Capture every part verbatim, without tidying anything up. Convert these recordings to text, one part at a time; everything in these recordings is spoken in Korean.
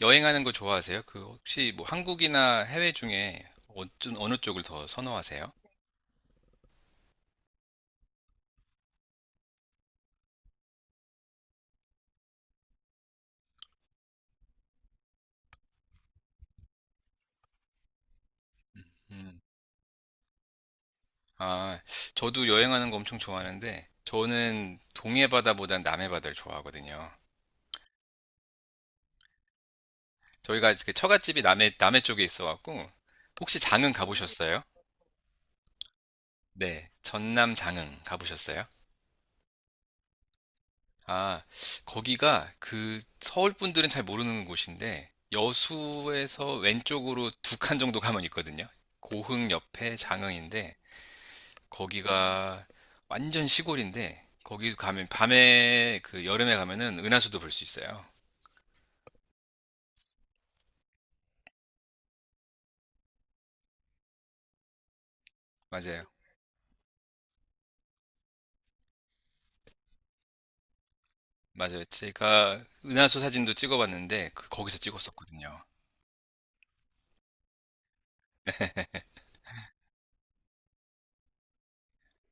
여행하는 거 좋아하세요? 그 혹시 뭐 한국이나 해외 중에 어느 쪽을 더 선호하세요? 음. 아, 저도 여행하는 거 엄청 좋아하는데 저는 동해 바다보단 남해 바다를 좋아하거든요. 저희가 그 처갓집이 남해 남해 쪽에 있어 갖고 혹시 장흥 가보셨어요? 네, 전남 장흥 가보셨어요? 아, 거기가 그 서울 분들은 잘 모르는 곳인데 여수에서 왼쪽으로 두 칸 정도 가면 있거든요. 고흥 옆에 장흥인데 거기가 완전 시골인데 거기 가면 밤에 그 여름에 가면은 은하수도 볼 수 있어요. 맞아요. 맞아요. 제가 은하수 사진도 찍어봤는데 그 거기서 찍었었거든요.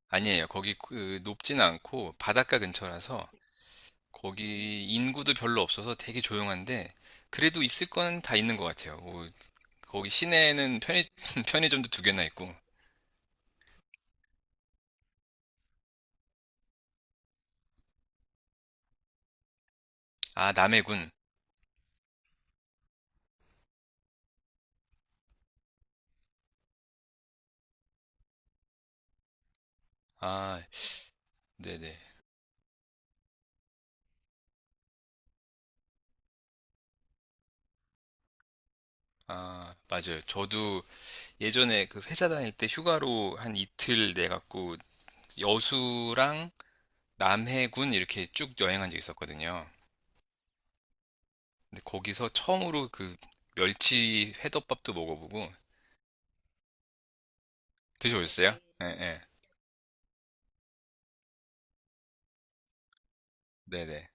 아니에요. 거기 그 높진 않고 바닷가 근처라서 거기 인구도 별로 없어서 되게 조용한데 그래도 있을 건 다 있는 것 같아요. 뭐 거기 시내에는 편의, 편의점도 두 개나 있고. 아, 남해군. 아, 네네. 아, 맞아요. 저도 예전에 그 회사 다닐 때 휴가로 한 이틀 내갖고 여수랑 남해군 이렇게 쭉 여행한 적 있었거든요. 근데 거기서 처음으로 그 멸치 회덮밥도 먹어보고 드셔보셨어요? 예, 예. 네네.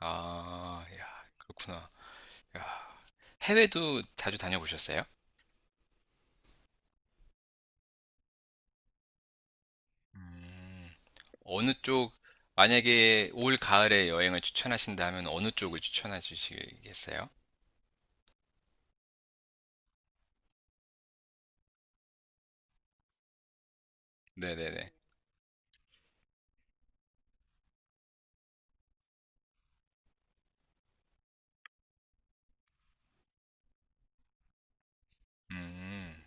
아, 야, 그렇구나. 야, 해외도 자주 다녀보셨어요? 음, 어느 쪽, 만약에 올 가을에 여행을 추천하신다면 어느 쪽을 추천해 주시겠어요? 네네네. 음,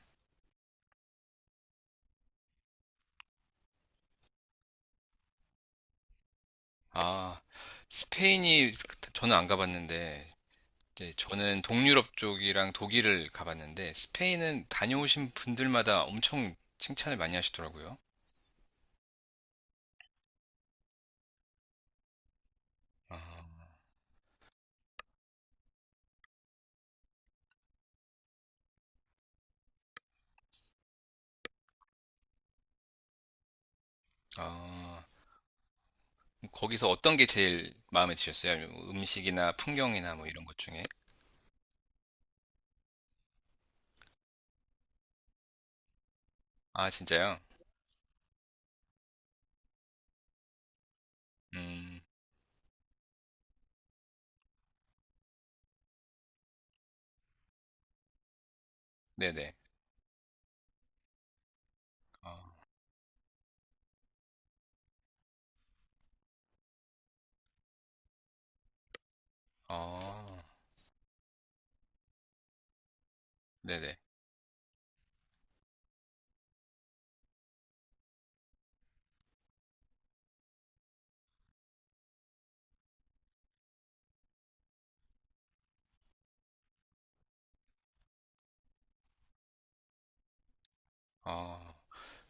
아, 스페인이 그- 저는 안 가봤는데 이제 저는 동유럽 쪽이랑 독일을 가봤는데 스페인은 다녀오신 분들마다 엄청 칭찬을 많이 하시더라고요. 아, 아, 거기서 어떤 게 제일 마음에 드셨어요? 음식이나 풍경이나 뭐 이런 것 중에? 아, 진짜요? 음, 네네. 어, 어, 네네. 어,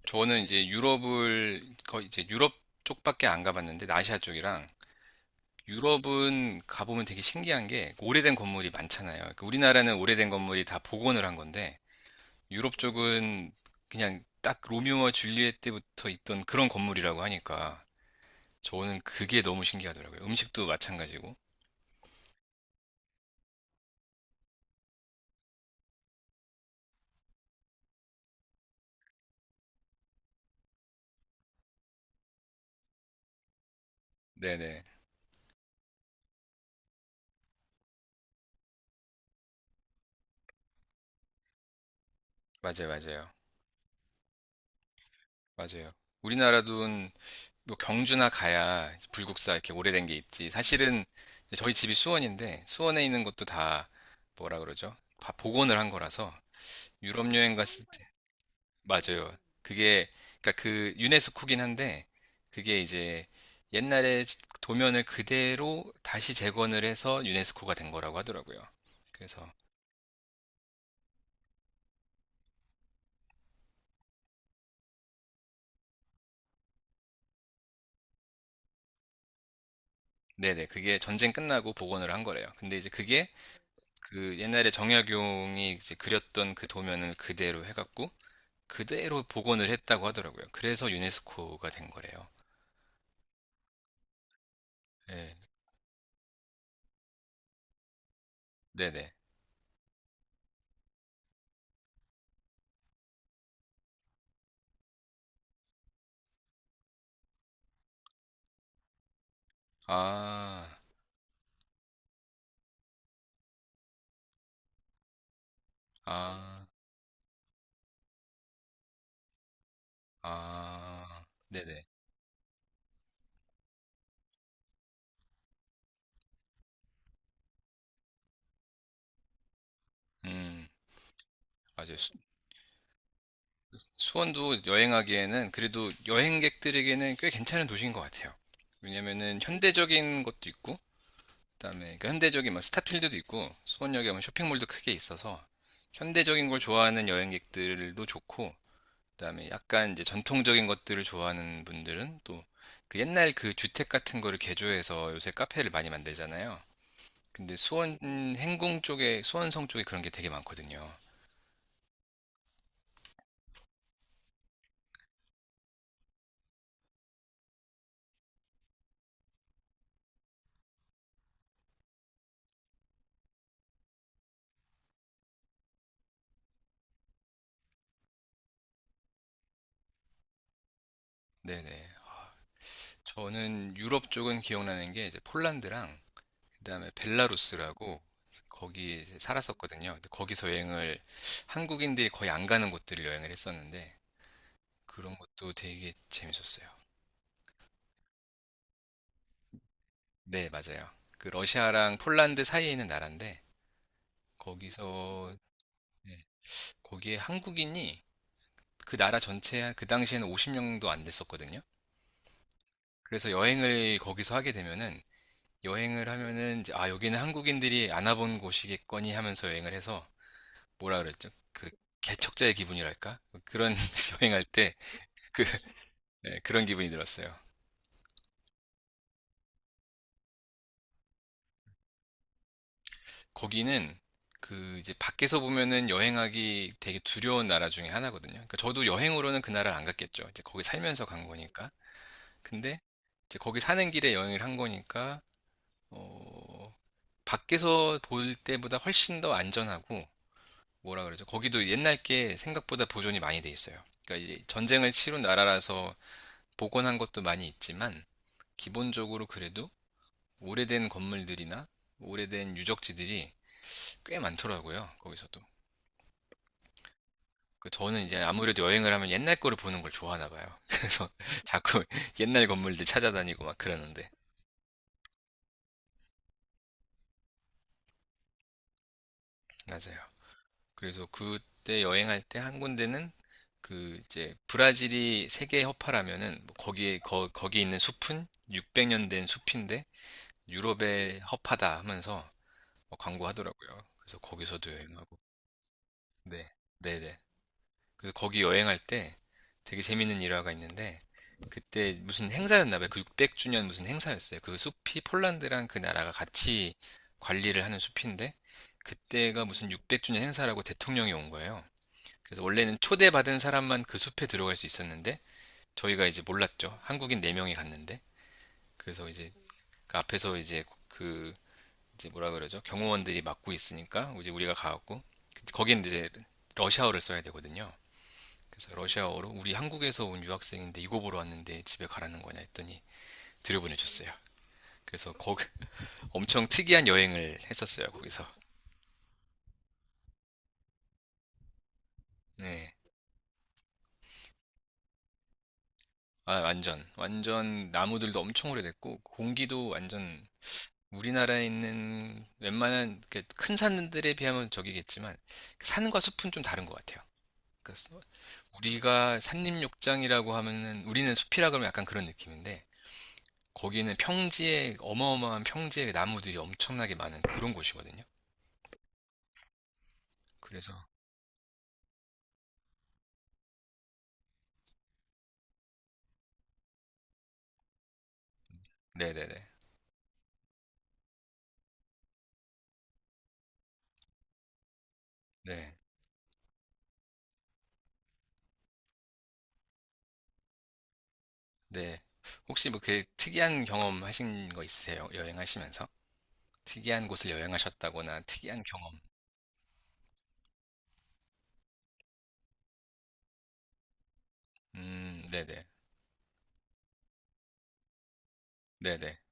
저는 이제 유럽을 거의 이제 유럽 쪽밖에 안 가봤는데 아시아 쪽이랑 유럽은 가보면 되게 신기한 게 오래된 건물이 많잖아요. 그러니까 우리나라는 오래된 건물이 다 복원을 한 건데 유럽 쪽은 그냥 딱 로미오와 줄리엣 때부터 있던 그런 건물이라고 하니까 저는 그게 너무 신기하더라고요. 음식도 마찬가지고. 네네. 맞아요, 맞아요. 맞아요. 우리나라도 뭐 경주나 가야 불국사 이렇게 오래된 게 있지. 사실은 저희 집이 수원인데 수원에 있는 것도 다 뭐라 그러죠? 다 복원을 한 거라서 유럽 여행 갔을 맞아요. 그게 그러니까 그 유네스코긴 한데 그게 이제 옛날에 도면을 그대로 다시 재건을 해서 유네스코가 된 거라고 하더라고요. 그래서 네네 그게 전쟁 끝나고 복원을 한 거래요. 근데 이제 그게 그 옛날에 정약용이 이제 그렸던 그 도면을 그대로 해갖고 그대로 복원을 했다고 하더라고요. 그래서 유네스코가 된 거래요. 네, 네네. 아, 아, 아, 네네. 음, 맞아요. 수원도 여행하기에는 그래도 여행객들에게는 꽤 괜찮은 도시인 것 같아요. 왜냐면은 현대적인 것도 있고, 그다음에 그 현대적인 막 스타필드도 있고, 수원역에 보면 쇼핑몰도 크게 있어서 현대적인 걸 좋아하는 여행객들도 좋고, 그다음에 약간 이제 전통적인 것들을 좋아하는 분들은 또 그 옛날 그 주택 같은 거를 개조해서 요새 카페를 많이 만들잖아요. 근데 수원 행궁 쪽에 수원성 쪽에 그런 게 되게 많거든요. 네네. 저는 유럽 쪽은 기억나는 게 이제 폴란드랑 그다음에 벨라루스라고 거기 이제 살았었거든요. 근데 거기서 여행을 한국인들이 거의 안 가는 곳들을 여행을 했었는데 그런 것도 되게 재밌었어요. 네, 맞아요. 그 러시아랑 폴란드 사이에 있는 나라인데 거기서 네, 거기에 한국인이 그 나라 전체 그 당시에는 오십 명도 안 됐었거든요. 그래서 여행을 거기서 하게 되면은 여행을 하면은 이제 아 여기는 한국인들이 안 와본 곳이겠거니 하면서 여행을 해서 뭐라 그랬죠? 그 개척자의 기분이랄까? 그런 여행할 때 그, 네, 그런 기분이 들었어요. 거기는 그 이제 밖에서 보면은 여행하기 되게 두려운 나라 중에 하나거든요. 그러니까 저도 여행으로는 그 나라를 안 갔겠죠. 이제 거기 살면서 간 거니까. 근데 이제 거기 사는 길에 여행을 한 거니까 어, 밖에서 볼 때보다 훨씬 더 안전하고 뭐라 그러죠? 거기도 옛날 게 생각보다 보존이 많이 돼 있어요. 그러니까 이 전쟁을 치룬 나라라서 복원한 것도 많이 있지만 기본적으로 그래도 오래된 건물들이나 오래된 유적지들이 꽤 많더라고요. 거기서도. 그 저는 이제 아무래도 여행을 하면 옛날 거를 보는 걸 좋아하나 봐요. 그래서 자꾸 옛날 건물들 찾아다니고 막 그러는데. 맞아요. 그래서 그때 여행할 때 한 군데는 그 이제 브라질이 세계 허파라면은 뭐 거기에 거, 거기 있는 숲은 육백 년 된 숲인데 유럽의 허파다 하면서 뭐 광고하더라고요. 그래서 거기서도 여행하고. 네. 네네. 그래서 거기 여행할 때 되게 재밌는 일화가 있는데 그때 무슨 행사였나 봐요. 그 육백 주년 무슨 행사였어요. 그 숲이 폴란드랑 그 나라가 같이 관리를 하는 숲인데 그때가 무슨 육백 주년 행사라고 대통령이 온 거예요. 그래서 원래는 초대받은 사람만 그 숲에 들어갈 수 있었는데 저희가 이제 몰랐죠. 한국인 네 명이 갔는데 그래서 이제 그 앞에서 이제 그 이제 뭐라 그러죠? 경호원들이 막고 있으니까 이제 우리가 가갖고 그 거긴 이제 러시아어를 써야 되거든요. 그래서 러시아어로 우리 한국에서 온 유학생인데 이거 보러 왔는데 집에 가라는 거냐 했더니 들여보내줬어요. 그래서 거기 엄청 특이한 여행을 했었어요. 거기서. 네. 아, 완전. 완전 나무들도 엄청 오래됐고 공기도 완전 우리나라에 있는 웬만한 이렇게 큰 산들에 비하면 저기겠지만 산과 숲은 좀 다른 것 같아요. 그러니까 우리가 산림욕장이라고 하면은 우리는 숲이라 그러면 약간 그런 느낌인데 거기는 평지에 어마어마한 평지에 나무들이 엄청나게 많은 그런 곳이거든요. 그래서 네네네 네 네. 혹시 뭐 그 특이한 경험 하신 거 있으세요? 여행하시면서 특이한 곳을 여행하셨다거나 특이한 경험. 음 네네 네네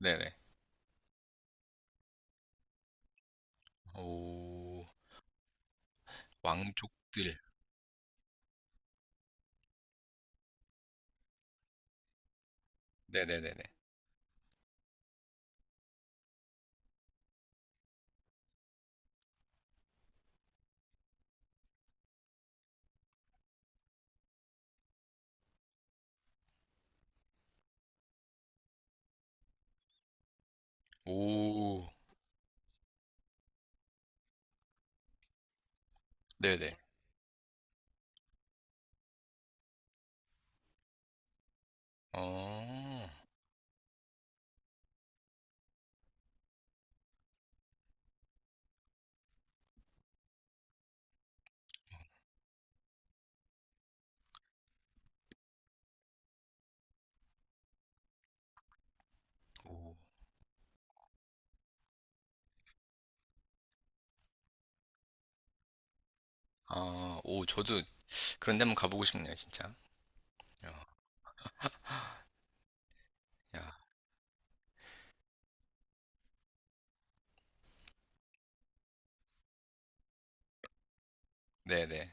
네네 오 왕족들 네네네네 오 네네 어 오. 아, 오, 저도 그런 데 한번 가보고 싶네요, 진짜. 어, 야, 네네.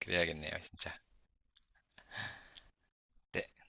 그래야겠네요, 진짜. 네.